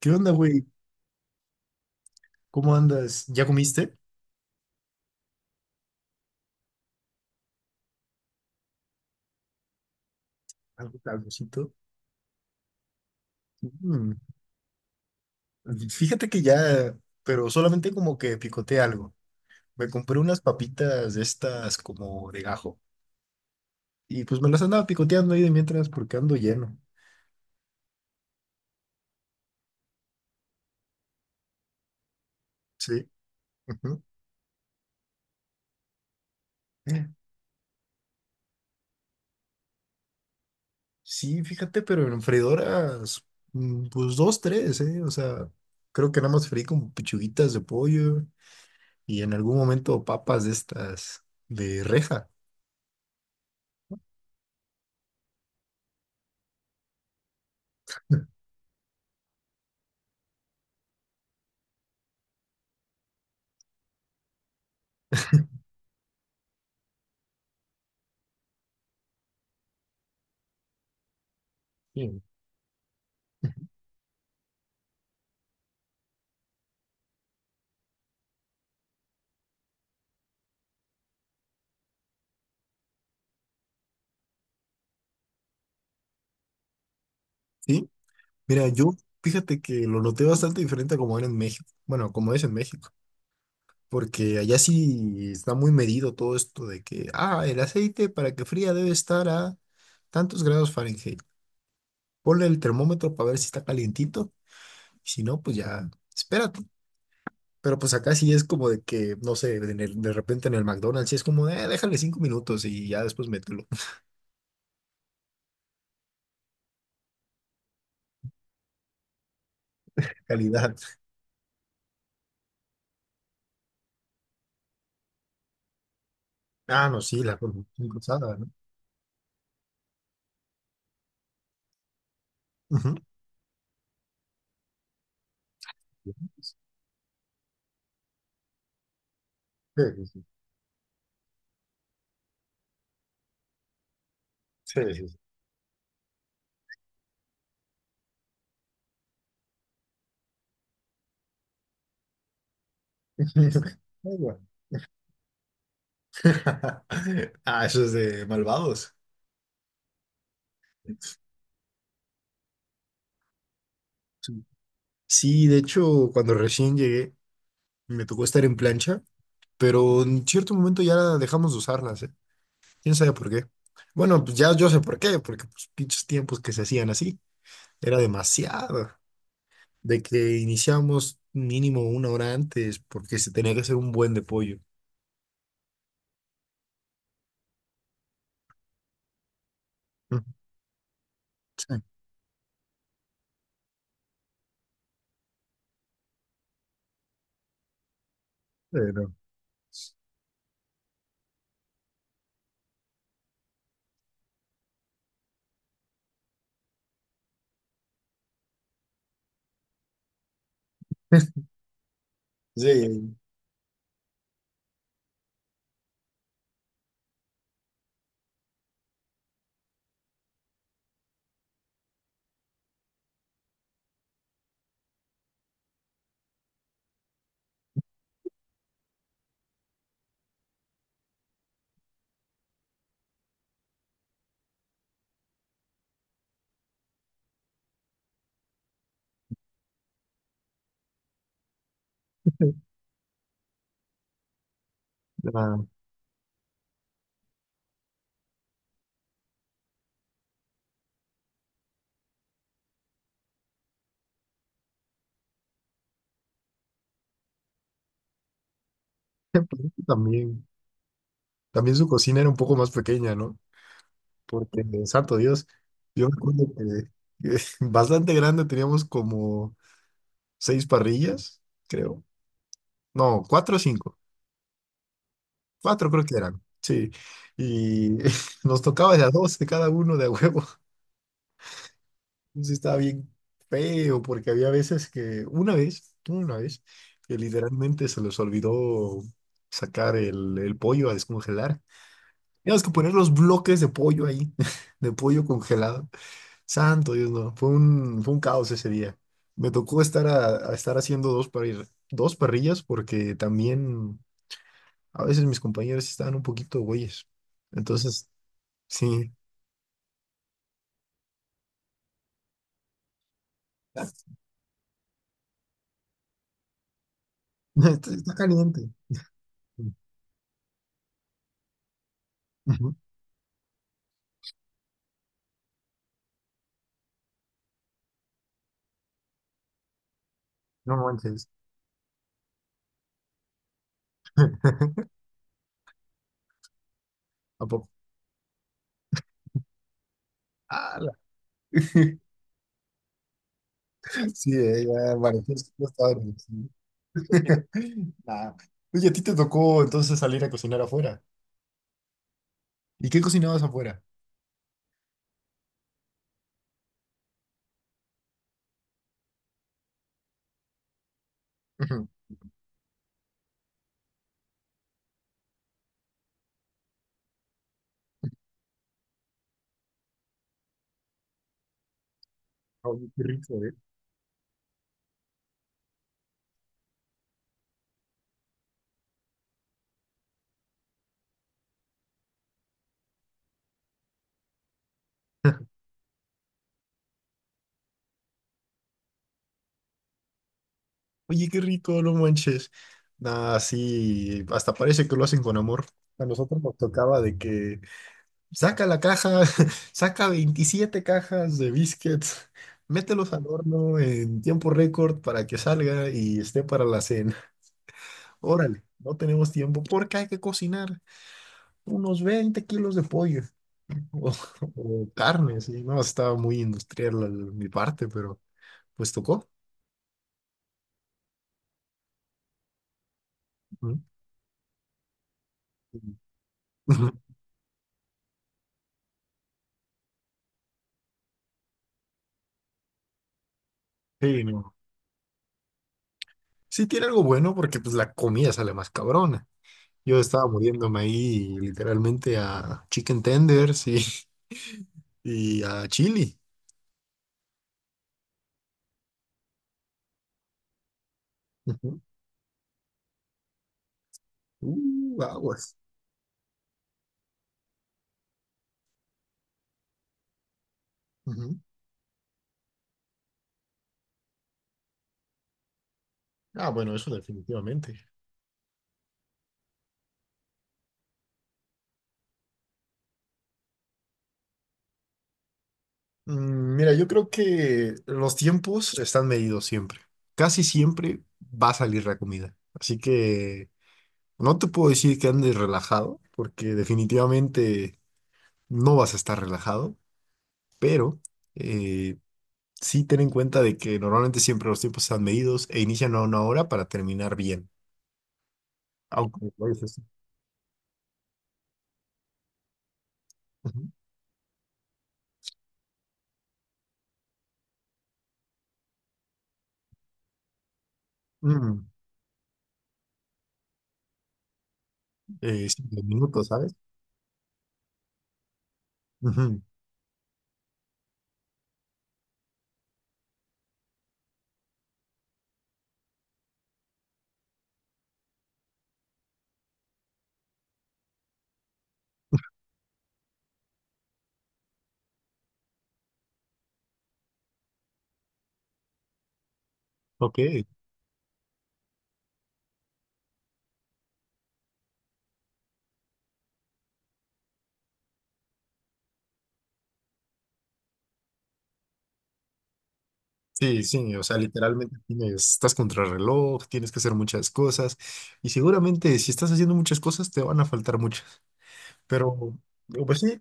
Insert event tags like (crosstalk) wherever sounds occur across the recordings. ¿Qué onda, güey? ¿Cómo andas? ¿Ya comiste? ¿Algo, algocito? Mm. Fíjate que ya, pero solamente como que picoteé algo. Me compré unas papitas de estas como de gajo. Y pues me las andaba picoteando ahí de mientras porque ando lleno. Sí. Ujú. Sí, fíjate, pero en freidoras, pues dos, tres, ¿eh? O sea, creo que nada más freí como pechuguitas de pollo y en algún momento papas de estas de reja. Sí. ¿Sí? Mira, yo fíjate que lo noté bastante diferente a como era en México. Bueno, como es en México. Porque allá sí está muy medido todo esto de que, ah, el aceite para que fría debe estar a tantos grados Fahrenheit. Ponle el termómetro para ver si está calientito. Y si no, pues ya, espérate. Pero pues acá sí es como de que, no sé, de repente en el McDonald's sí es como, déjale 5 minutos y ya después mételo. (laughs) Calidad. Ah, no, sí, la cruzada, ¿no? Ujú. Sí, sí, sí. Sí, sí, sí. (laughs) Ay, güey. (laughs) Ah, eso es de malvados. Sí, sí, de hecho, cuando recién llegué, me tocó estar en plancha, pero en cierto momento ya dejamos de usarlas, ¿eh? ¿Quién sabe por qué? Bueno, pues ya yo sé por qué, porque pues pinches tiempos que se hacían así, era demasiado. De que iniciamos mínimo 1 hora antes, porque se tenía que hacer un buen de pollo. Ujú. Sí, pero. Sí, (laughs) ah, también, también su cocina era un poco más pequeña, ¿no? Porque, santo Dios, yo me acuerdo que, que (laughs) bastante grande teníamos como seis parrillas, creo. No, cuatro o cinco. Cuatro creo que eran, sí. Y (laughs) nos tocaba de a dos de cada uno de a huevo. Entonces sí estaba bien feo, porque había veces que, una vez, que literalmente se les olvidó sacar el pollo a descongelar. Teníamos que poner los bloques de pollo ahí, (laughs) de pollo congelado. Santo Dios, no. Fue un caos ese día. Me tocó estar, a estar haciendo dos parrillas porque también a veces mis compañeros sí estaban un poquito güeyes. Entonces, sí. (laughs) Está caliente. Ujú. No manches. (laughs) ¿A poco? ¡Hala! (laughs) Sí, ya parecía que no estaba en el cine. (laughs) Nah. Oye, a ti te tocó entonces salir a cocinar afuera. ¿Y qué cocinabas afuera? (laughs) Ujú. Oye, qué rico. Oye, qué rico, no manches. Nah, sí, hasta parece que lo hacen con amor. A nosotros nos tocaba de que saca la caja, (laughs) saca 27 cajas de biscuits, mételos al horno en tiempo récord para que salga y esté para la cena. Órale, no tenemos tiempo porque hay que cocinar unos 20 kilos de pollo (laughs) o, o carne, sí. No, estaba muy industrial mi parte, pero pues tocó. ¿No? (laughs) Sí, no. Sí tiene algo bueno porque pues la comida sale más cabrona. Yo estaba muriéndome ahí literalmente a chicken tenders (laughs) y a chili. Ujú. Aguas. Ujú. Ah, bueno, eso definitivamente. Mira, yo creo que los tiempos están medidos siempre. Casi siempre va a salir la comida. Así que no te puedo decir que andes relajado porque definitivamente no vas a estar relajado, pero... eh, Sí, ten en cuenta de que normalmente siempre los tiempos están medidos e inician a una hora para terminar bien. Aunque lo dices así. Ujú. Mm, 5 minutos, ¿sabes? Ujú. Ok. Sí, sí, o sea, literalmente tienes, estás contra el reloj, tienes que hacer muchas cosas y seguramente si estás haciendo muchas cosas te van a faltar muchas, pero pues sí,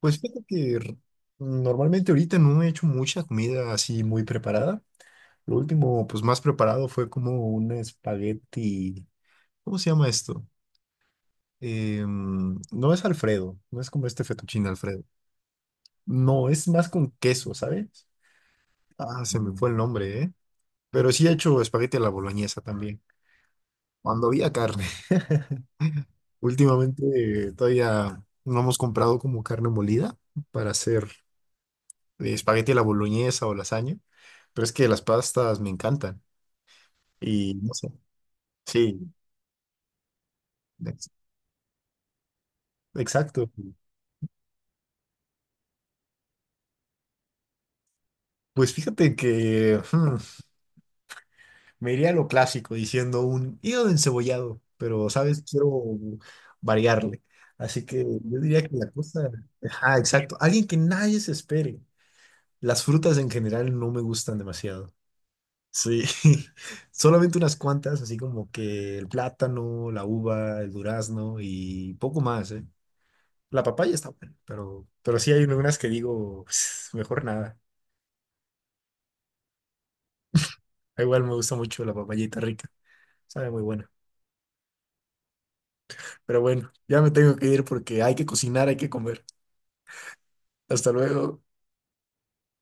pues fíjate que normalmente ahorita no he hecho mucha comida así muy preparada. Lo último, pues más preparado fue como un espagueti. ¿Cómo se llama esto? No es Alfredo, no es como este fettuccine Alfredo. No, es más con queso, ¿sabes? Ah, se me fue el nombre, ¿eh? Pero sí he hecho espagueti a la boloñesa también, cuando había carne. (laughs) Últimamente todavía no hemos comprado como carne molida para hacer espagueti a la boloñesa o lasaña, pero es que las pastas me encantan y no sé, sí, ex- exacto. Pues fíjate que (laughs) me iría a lo clásico diciendo un hígado encebollado, pero, ¿sabes? Quiero variarle. Así que yo diría que la cosa. Ah, exacto. Alguien que nadie se espere. Las frutas en general no me gustan demasiado. Sí, (laughs) solamente unas cuantas, así como que el plátano, la uva, el durazno y poco más, ¿eh? La papaya está buena, pero, sí hay algunas que digo, "Pues, mejor nada. Igual me gusta mucho la papayita rica, sabe muy buena. Pero bueno, ya me tengo que ir porque hay que cocinar, hay que comer. Hasta luego.